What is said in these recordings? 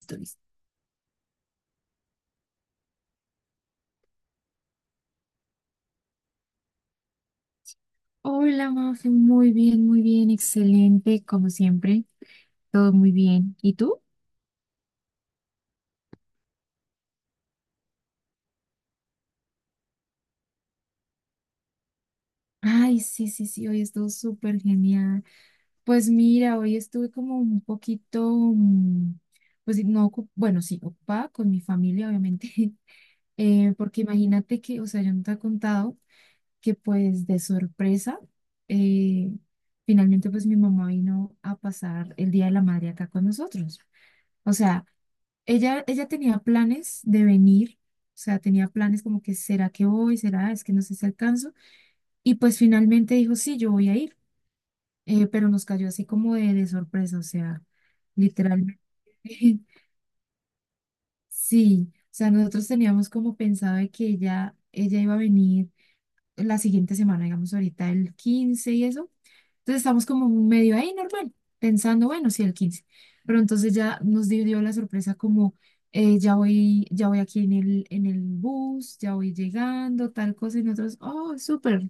Stories. Hola, Mafe, muy bien, excelente, como siempre, todo muy bien. ¿Y tú? Ay, sí, sí, sí, hoy estuvo súper genial. Pues mira, hoy estuve como un poquito, pues sí, no, bueno, sí, ocupada con mi familia, obviamente, porque imagínate que, o sea, yo no te he contado que pues de sorpresa, eh, finalmente pues mi mamá vino a pasar el Día de la Madre acá con nosotros. O sea, ella tenía planes de venir, o sea, tenía planes como que, ¿será que voy? ¿Será? Es que no sé si alcanzo. Y pues finalmente dijo, sí, yo voy a ir, pero nos cayó así como de, sorpresa, o sea, literalmente. Sí, o sea, nosotros teníamos como pensado de que ella iba a venir la siguiente semana, digamos ahorita el 15 y eso. Entonces estamos como medio ahí normal, pensando, bueno, sí, el 15. Pero entonces ya nos dio la sorpresa como, ya voy aquí en el bus, ya voy llegando, tal cosa, y nosotros, oh, súper.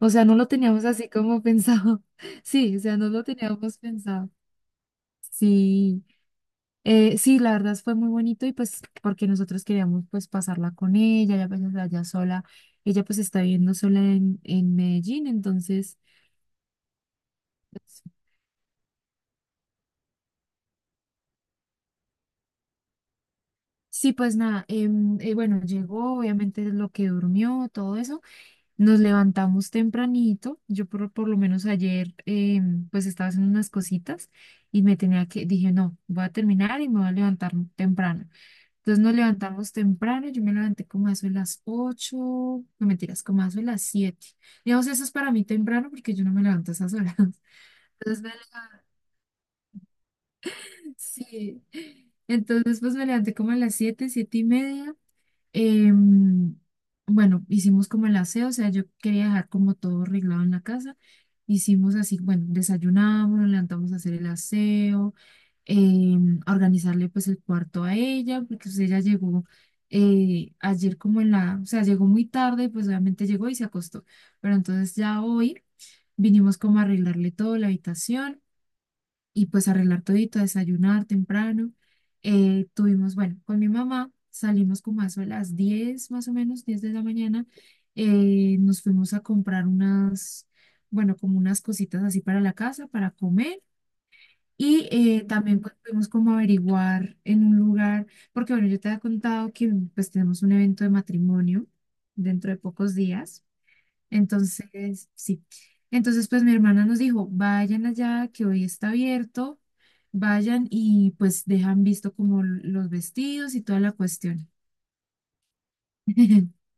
O sea, no lo teníamos así como pensado. Sí, o sea, no lo teníamos pensado. Sí, sí, la verdad fue muy bonito y pues porque nosotros queríamos pues pasarla con ella, ya pues allá sola. Ella pues está viviendo sola en Medellín, entonces pues, sí, pues nada, bueno, llegó, obviamente lo que durmió, todo eso. Nos levantamos tempranito. Yo por lo menos ayer, pues estaba haciendo unas cositas y me tenía que, dije, no, voy a terminar y me voy a levantar temprano. Entonces nos levantamos temprano, yo me levanté como a eso de las ocho, no mentiras, como a eso de las siete. Digamos, eso es para mí temprano porque yo no me levanto a esas horas. Entonces, sí. Entonces, pues me levanté como a las siete y media. Em, bueno, hicimos como el aseo, o sea, yo quería dejar como todo arreglado en la casa. Hicimos así, bueno, desayunamos, nos levantamos a hacer el aseo, a organizarle pues el cuarto a ella, porque pues, ella llegó, ayer como o sea, llegó muy tarde, pues obviamente llegó y se acostó. Pero entonces ya hoy vinimos como a arreglarle todo la habitación y pues arreglar todito, desayunar temprano. Tuvimos, bueno, con mi mamá salimos como a eso a las 10 más o menos, 10 de la mañana. Nos fuimos a comprar unas, bueno, como unas cositas así para la casa, para comer. Y también pues fuimos como a averiguar en un lugar, porque bueno, yo te había contado que pues tenemos un evento de matrimonio dentro de pocos días. Entonces, sí. Entonces, pues mi hermana nos dijo, vayan allá, que hoy está abierto, vayan y pues dejan visto como los vestidos y toda la cuestión.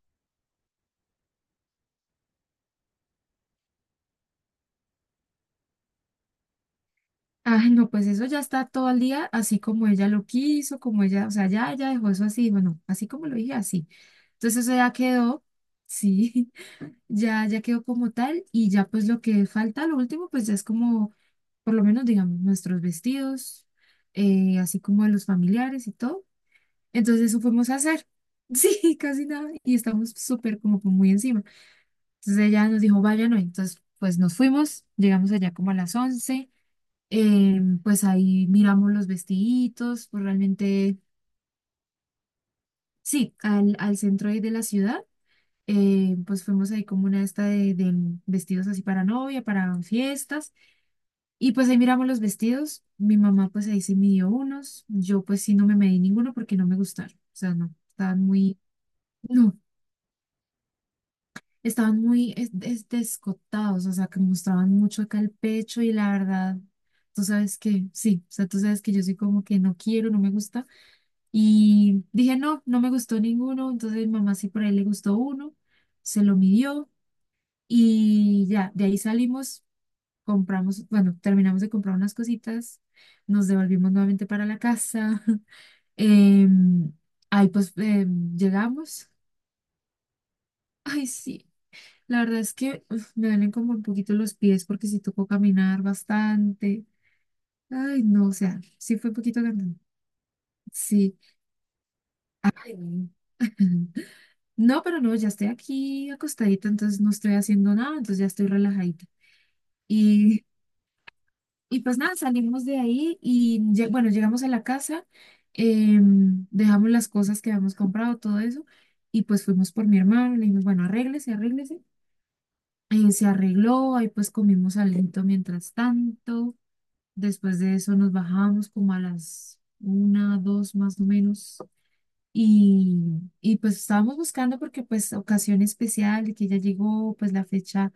Ah, no, pues eso ya está todo el día, así como ella lo quiso, como ella, o sea, ya ella dejó eso así, bueno, así como lo dije, así. Entonces eso ya quedó, sí, ya quedó como tal y ya pues lo que falta, lo último, pues ya es como, por lo menos digamos, nuestros vestidos, así como de los familiares y todo. Entonces eso fuimos a hacer. Sí, casi nada. Y estamos súper como que muy encima. Entonces ella nos dijo, vayan hoy. Entonces pues nos fuimos, llegamos allá como a las 11. Pues ahí miramos los vestiditos, pues realmente, sí, al centro ahí de la ciudad. Pues fuimos ahí como una esta de, vestidos así para novia, para fiestas. Y pues ahí miramos los vestidos. Mi mamá pues ahí se midió unos. Yo pues sí no me medí ninguno porque no me gustaron. O sea, no, estaban muy... No, estaban muy descotados, o sea, que mostraban mucho acá el pecho y la verdad, tú sabes que, sí, o sea, tú sabes que yo soy como que no quiero, no me gusta. Y dije, no, no me gustó ninguno, entonces mi mamá sí por ahí le gustó uno, se lo midió y ya, de ahí salimos, compramos, bueno, terminamos de comprar unas cositas, nos devolvimos nuevamente para la casa. em, ahí pues llegamos. Ay, sí. La verdad es que me duelen como un poquito los pies porque sí tocó caminar bastante. Ay, no, o sea, sí fue un poquito grande. Sí. Ay, no. No, pero no, ya estoy aquí acostadita, entonces no estoy haciendo nada, entonces ya estoy relajadita. Y, y pues nada, salimos de ahí y bueno, llegamos a la casa, dejamos las cosas que habíamos comprado, todo eso, y pues fuimos por mi hermano, le dijimos, bueno, arréglese, arréglese. Se arregló, ahí pues comimos alento mientras tanto. Después de eso nos bajamos como a las una, dos más o menos. Y, y pues estábamos buscando porque pues ocasión especial de que ya llegó, pues la fecha,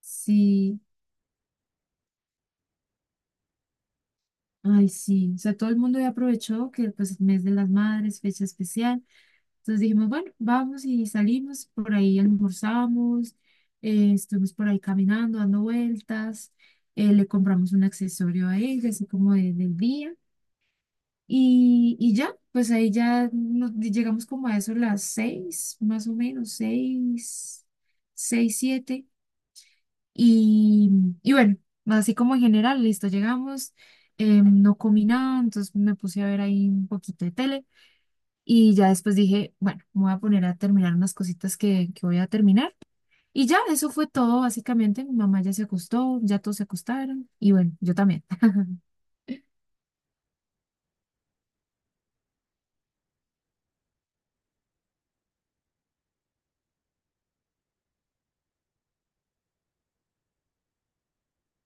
sí, ay sí, o sea, todo el mundo ya aprovechó que pues el mes de las madres, fecha especial. Entonces dijimos, bueno, vamos y salimos, por ahí almorzamos, estuvimos por ahí caminando, dando vueltas, le compramos un accesorio a ella, así como del día. Y ya, pues ahí ya llegamos como a eso las seis, más o menos, seis, seis, siete. Y, y bueno, así como en general, listo, llegamos, no comí nada, entonces me puse a ver ahí un poquito de tele. Y ya después dije, bueno, me voy a poner a terminar unas cositas que voy a terminar. Y ya, eso fue todo, básicamente. Mi mamá ya se acostó, ya todos se acostaron. Y bueno, yo también.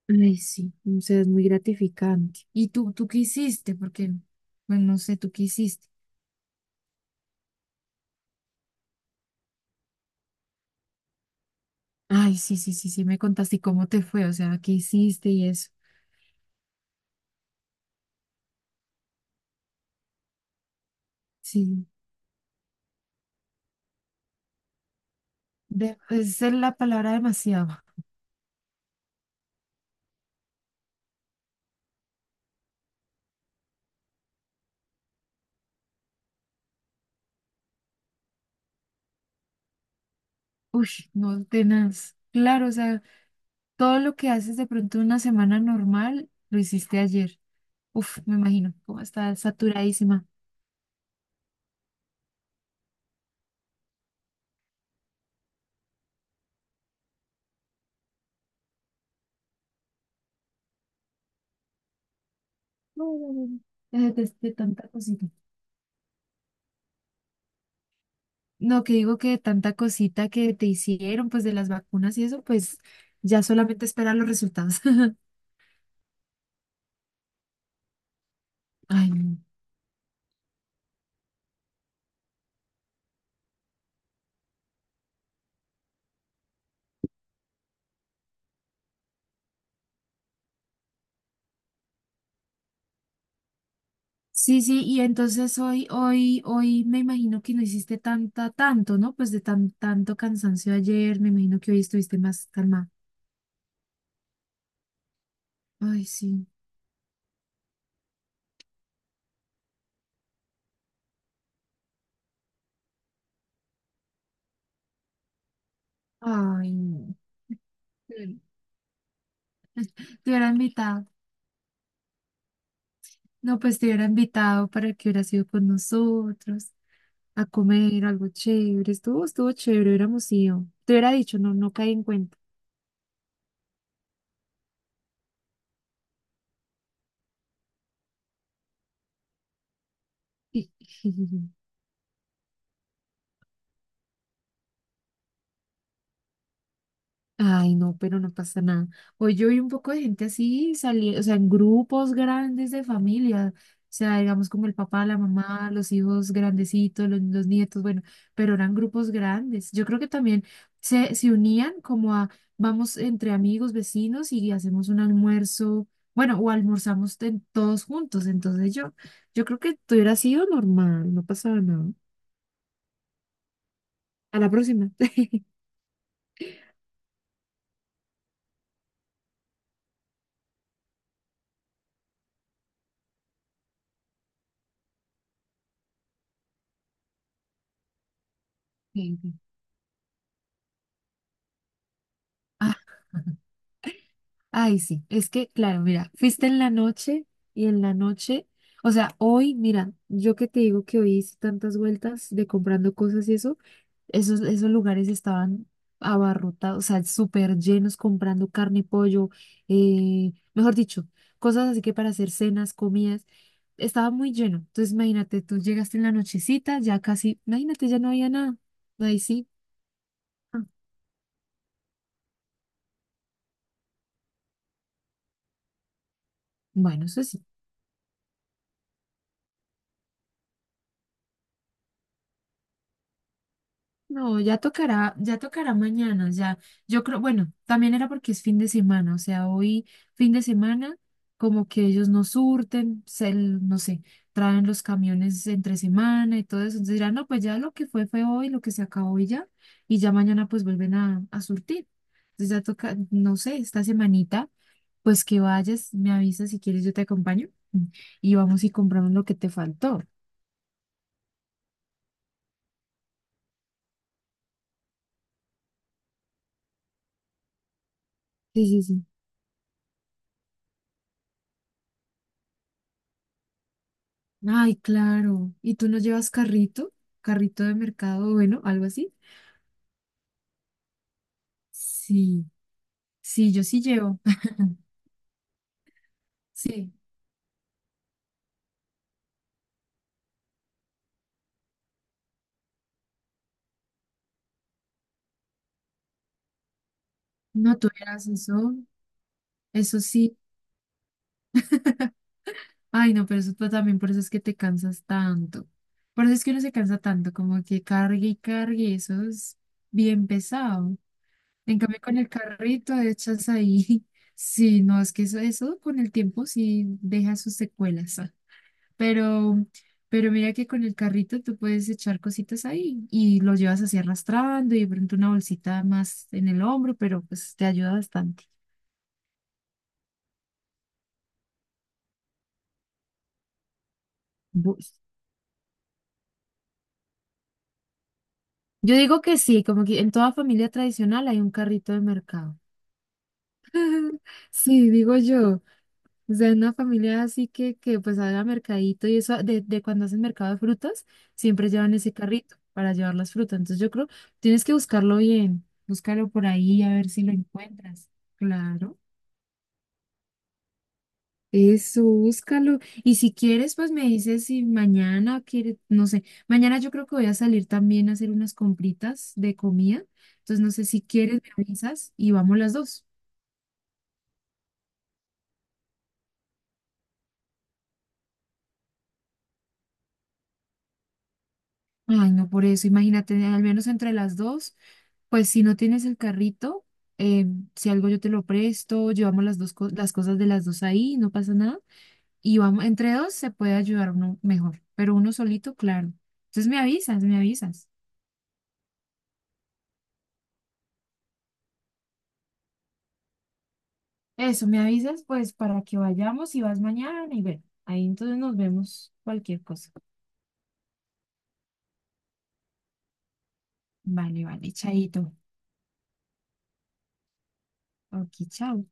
Ay, sí, o sea, es muy gratificante. ¿Y tú qué hiciste? Porque, bueno, no sé, ¿tú qué hiciste? Ay, sí, sí, sí, sí, me contaste, ¿y cómo te fue, o sea, qué hiciste y eso? Sí, esa es la palabra demasiado. Uy, no, tenaz. Claro, o sea, todo lo que haces de pronto en una semana normal, lo hiciste ayer. Uf, me imagino, cómo estás saturadísima. No, no, no, no, ya detesté tanta cosita. No, que digo que tanta cosita que te hicieron, pues de las vacunas y eso, pues ya solamente esperar los resultados. Ay, no. Sí, sí, y entonces hoy me imagino que no hiciste tanta, tanto, ¿no? Pues de tanto cansancio ayer, me imagino que hoy estuviste más calma. Ay, sí. Ay, no. Te te hubiera invitado. No, pues te hubiera invitado para que hubieras ido con nosotros a comer algo chévere. Estuvo chévere, hubiéramos ido. Te hubiera dicho, no, no caí en cuenta. Ay, no, pero no pasa nada. Hoy yo vi un poco de gente así salir, o sea, en grupos grandes de familia, o sea, digamos como el papá, la mamá, los hijos grandecitos, los nietos, bueno, pero eran grupos grandes. Yo creo que también se unían como a, vamos entre amigos, vecinos y hacemos un almuerzo, bueno, o almorzamos todos juntos. Entonces yo creo que tú hubiera sido normal, no pasaba nada. A la próxima. Sí, sí. Ah. Ay, sí, es que, claro, mira, fuiste en la noche y en la noche, o sea, hoy, mira, yo que te digo que hoy hice tantas vueltas de comprando cosas y eso, esos lugares estaban abarrotados, o sea, súper llenos comprando carne, pollo, mejor dicho, cosas así que para hacer cenas, comidas, estaba muy lleno. Entonces, imagínate, tú llegaste en la nochecita, ya casi, imagínate, ya no había nada. Ahí sí. ah, Bueno, eso sí. No, ya tocará mañana, ya. Yo creo, bueno, también era porque es fin de semana, o sea, hoy fin de semana, como que ellos no surten, no sé, traen los camiones entre semana y todo eso. Entonces dirán, no, pues ya lo que fue fue hoy, lo que se acabó y ya mañana pues vuelven a surtir. Entonces ya toca, no sé, esta semanita, pues que vayas, me avisas si quieres, yo te acompaño y vamos y compramos lo que te faltó. Sí, sí, sí. Ay, claro. ¿Y tú no llevas carrito? ¿Carrito de mercado, bueno, algo así? Sí, sí, yo sí llevo. Sí, no tuvieras eso, eso sí. Ay, no, pero eso también por eso es que te cansas tanto. Por eso es que uno se cansa tanto, como que cargue y cargue, eso es bien pesado. En cambio, con el carrito echas ahí. Sí, no, es que eso con el tiempo sí deja sus secuelas. Pero, pero mira que con el carrito tú puedes echar cositas ahí y lo llevas así arrastrando y de pronto una bolsita más en el hombro, pero pues te ayuda bastante. Bu- Yo digo que sí, como que en toda familia tradicional hay un carrito de mercado. Sí, digo yo. O sea, una familia así que pues haga mercadito y eso, de, cuando hacen mercado de frutas, siempre llevan ese carrito para llevar las frutas. Entonces yo creo, tienes que buscarlo bien, búscalo por ahí a ver si lo encuentras. Claro. Eso, búscalo. Y si quieres, pues me dices si mañana quieres, no sé, mañana yo creo que voy a salir también a hacer unas compritas de comida. Entonces, no sé si quieres, me avisas y vamos las dos. Ay, no, por eso, imagínate, al menos entre las dos, pues si no tienes el carrito, eh, si algo yo te lo presto, llevamos las dos las cosas de las dos ahí, no pasa nada. Y vamos, entre dos se puede ayudar uno mejor, pero uno solito, claro. Entonces me avisas, me avisas. Eso, me avisas pues para que vayamos y vas mañana y bueno, ahí entonces nos vemos cualquier cosa. Vale, vale, chaito. Ok, chao.